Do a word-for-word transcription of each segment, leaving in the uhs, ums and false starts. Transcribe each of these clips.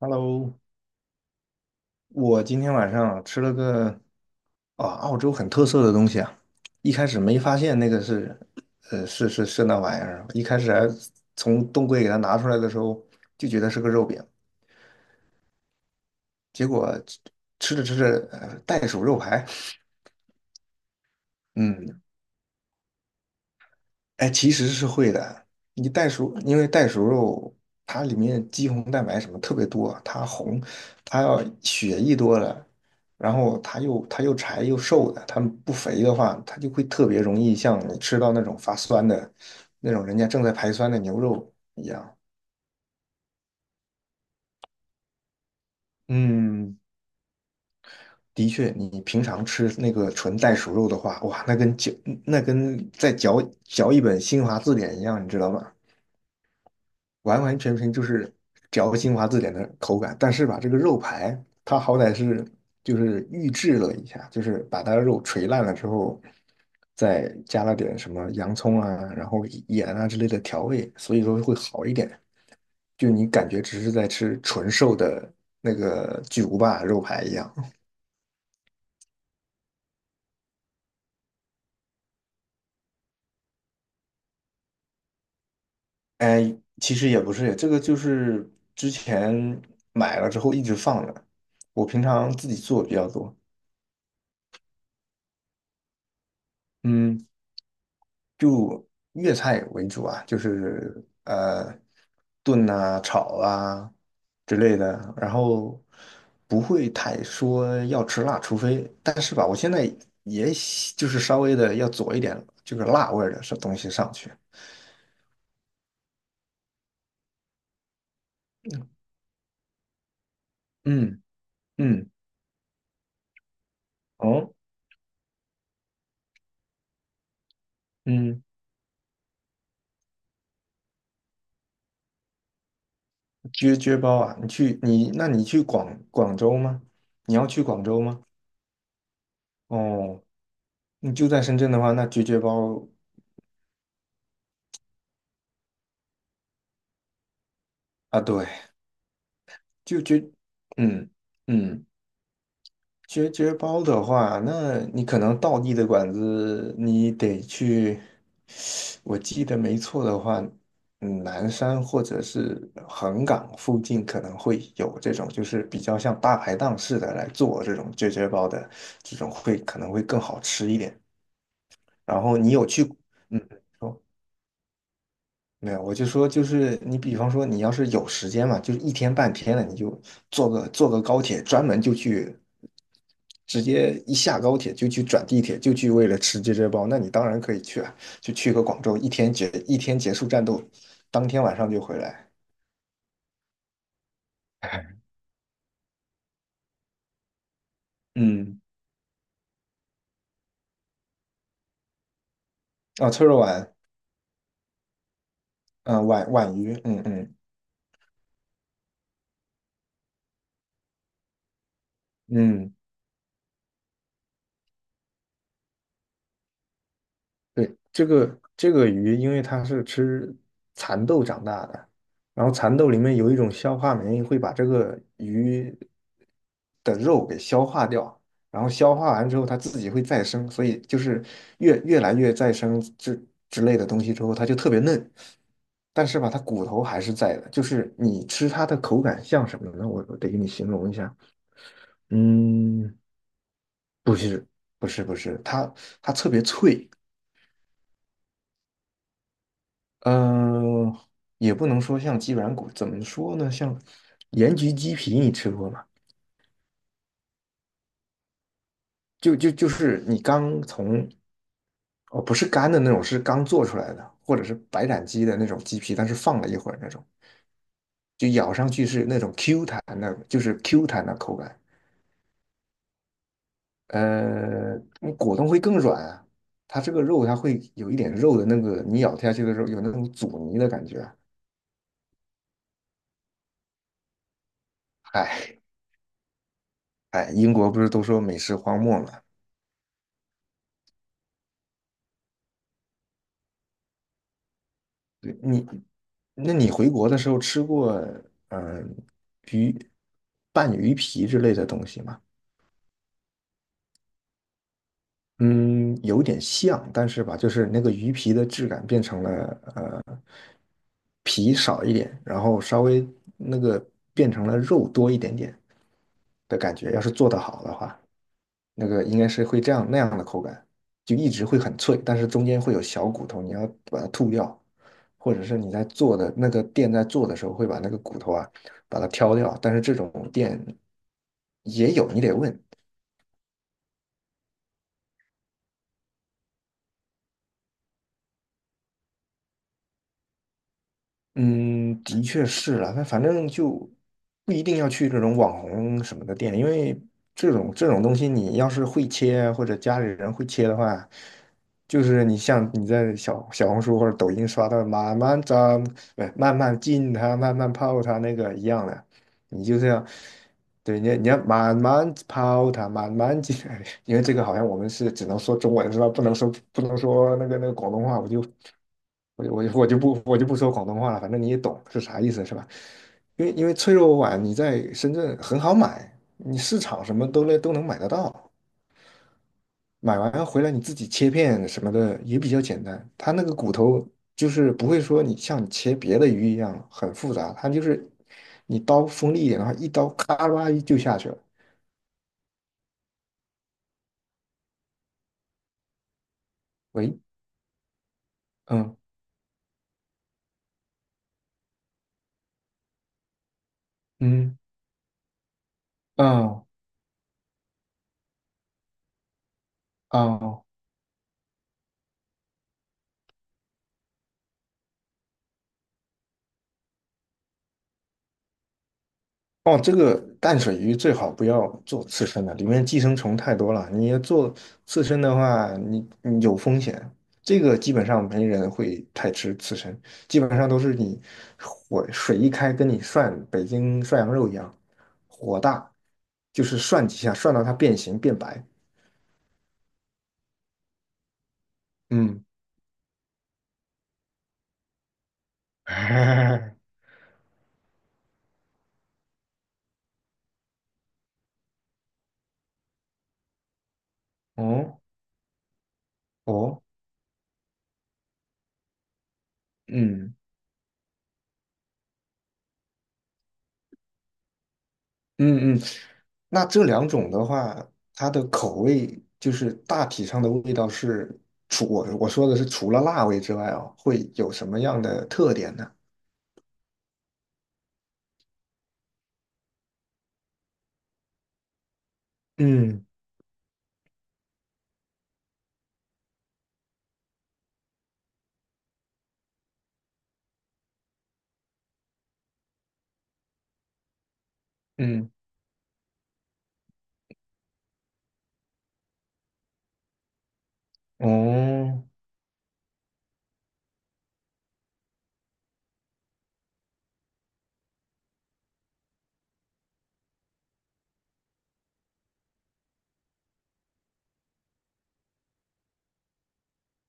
Hello，我今天晚上吃了个啊澳洲很特色的东西啊。一开始没发现那个是，呃是是是那玩意儿。一开始还从冻柜给它拿出来的时候就觉得是个肉饼，结果吃吃着吃着呃袋鼠肉排。嗯，哎，其实是会的。你袋鼠，因为袋鼠肉它里面肌红蛋白什么特别多，它红，它要血一多了，然后它又它又柴又瘦的。它不肥的话，它就会特别容易像你吃到那种发酸的，那种人家正在排酸的牛肉一样。嗯，的确，你平常吃那个纯袋鼠肉的话，哇，那跟嚼那跟在嚼嚼一本新华字典一样，你知道吗？完完全全就是嚼精华字典的口感。但是吧，这个肉排它好歹是就是预制了一下，就是把它的肉锤烂了之后，再加了点什么洋葱啊，然后盐啊之类的调味，所以说会好一点。就你感觉只是在吃纯瘦的那个巨无霸肉排一样。哎，其实也不是，这个就是之前买了之后一直放着，我平常自己做比较多。嗯，粤菜为主啊，就是呃炖啊、炒啊之类的，然后不会太说要吃辣，除非但是吧，我现在也喜就是稍微的要佐一点这个辣味儿的东西上去。嗯嗯，哦，嗯，撅撅包啊。你去你那你去广广州吗？你要去广州吗？哦，你就在深圳的话，那撅撅包啊，对，就撅嗯嗯。绝绝包的话，那你可能道地的馆子你得去。我记得没错的话，嗯，南山或者是横岗附近可能会有这种，就是比较像大排档似的来做这种绝绝包的，这种会可能会更好吃一点。然后你有去，嗯，说。没有，我就说，就是你，比方说，你要是有时间嘛，就是一天半天的，你就坐个坐个高铁，专门就去，直接一下高铁就去转地铁，就去为了吃这只包，那你当然可以去啊，就去个广州，一天结一天结束战斗，当天晚上就回来。嗯，哦，脆肉皖。嗯、皖皖渝，嗯嗯嗯，对，这个这个鱼，因为它是吃蚕豆长大的，然后蚕豆里面有一种消化酶，会把这个鱼的肉给消化掉，然后消化完之后，它自己会再生，所以就是越越来越再生之之类的东西之后，它就特别嫩。但是吧，它骨头还是在的，就是你吃它的口感像什么呢？我我得给你形容一下。嗯，不是不是不是，它它特别脆。呃，也不能说像鸡软骨，怎么说呢？像盐焗鸡皮，你吃过吗？就就就是你刚从。哦，不是干的那种，是刚做出来的，或者是白斩鸡的那种鸡皮，但是放了一会儿那种，就咬上去是那种 Q 弹的，就是 Q 弹的口感。呃，嗯果冻会更软啊。它这个肉它会有一点肉的那个，你咬下去的时候有那种阻尼的感觉。哎，嗨，哎，英国不是都说美食荒漠嘛？对你，那你回国的时候吃过嗯鱼拌鱼皮之类的东西吗？嗯，有点像，但是吧，就是那个鱼皮的质感变成了呃皮少一点，然后稍微那个变成了肉多一点点的感觉。要是做得好的话，那个应该是会这样那样的口感，就一直会很脆，但是中间会有小骨头，你要把它吐掉。或者是你在做的那个店在做的时候会把那个骨头啊把它挑掉，但是这种店也有，你得问。嗯，的确是了，那反正就不一定要去这种网红什么的店，因为这种这种东西，你要是会切啊或者家里人会切的话，就是你像你在小小红书或者抖音刷到慢慢炸，不是慢慢浸它，慢慢泡它那个一样的，你就这样，对，你你要慢慢抛它，慢慢解，来，因为这个好像我们是只能说中文是吧？不能说不能说那个那个广东话，我就我就我就我就不我就不说广东话了，反正你也懂是啥意思是吧？因为因为脆弱碗你在深圳很好买，你市场什么都能都能买得到。买完回来你自己切片什么的也比较简单，它那个骨头就是不会说你像你切别的鱼一样很复杂，它就是你刀锋利一点的话，一刀咔啦一就下去了。喂，嗯嗯嗯嗯。哦，这个淡水鱼最好不要做刺身的，里面寄生虫太多了。你要做刺身的话，你你有风险。这个基本上没人会太吃刺身，基本上都是你火水一开，跟你涮北京涮羊肉一样，火大，就是涮几下，涮到它变形变白。嗯，哦哦，嗯嗯嗯，那这两种的话，它的口味就是大体上的味道是，除我我说的是除了辣味之外哦，会有什么样的特点呢？嗯嗯，哦，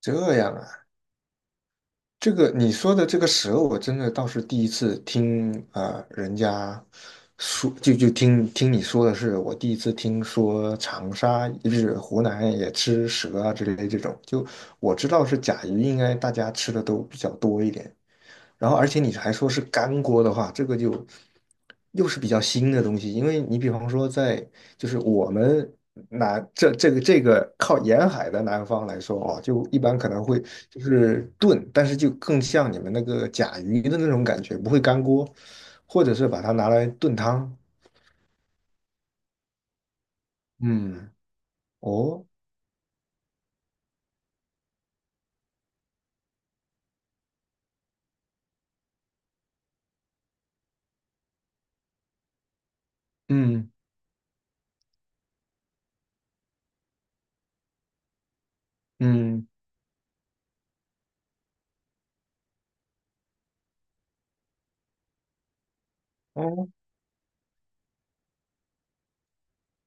这样啊，这个你说的这个蛇，我真的倒是第一次听啊、呃人家说就就听听你说的是，我第一次听说长沙就是湖南也吃蛇啊之类的这种，就我知道是甲鱼，应该大家吃的都比较多一点，然后而且你还说是干锅的话，这个就又是比较新的东西，因为你比方说在就是我们南这这个这个靠沿海的南方来说啊，就一般可能会就是炖，但是就更像你们那个甲鱼的那种感觉，不会干锅，或者是把它拿来炖汤。嗯，哦，嗯嗯，哦，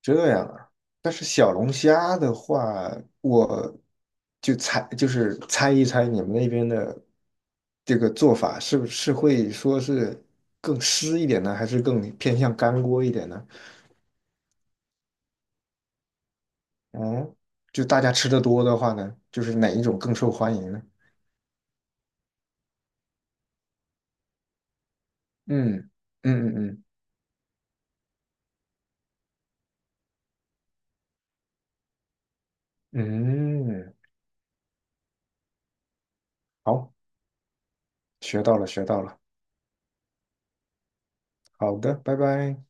这样啊，但是小龙虾的话，我就猜，就是猜一猜你们那边的这个做法是不是会说是更湿一点呢，还是更偏向干锅一点呢？嗯，就大家吃的多的话呢，就是哪一种更受欢迎呢？嗯嗯嗯嗯嗯，嗯好，学到了学到了，好的，拜拜。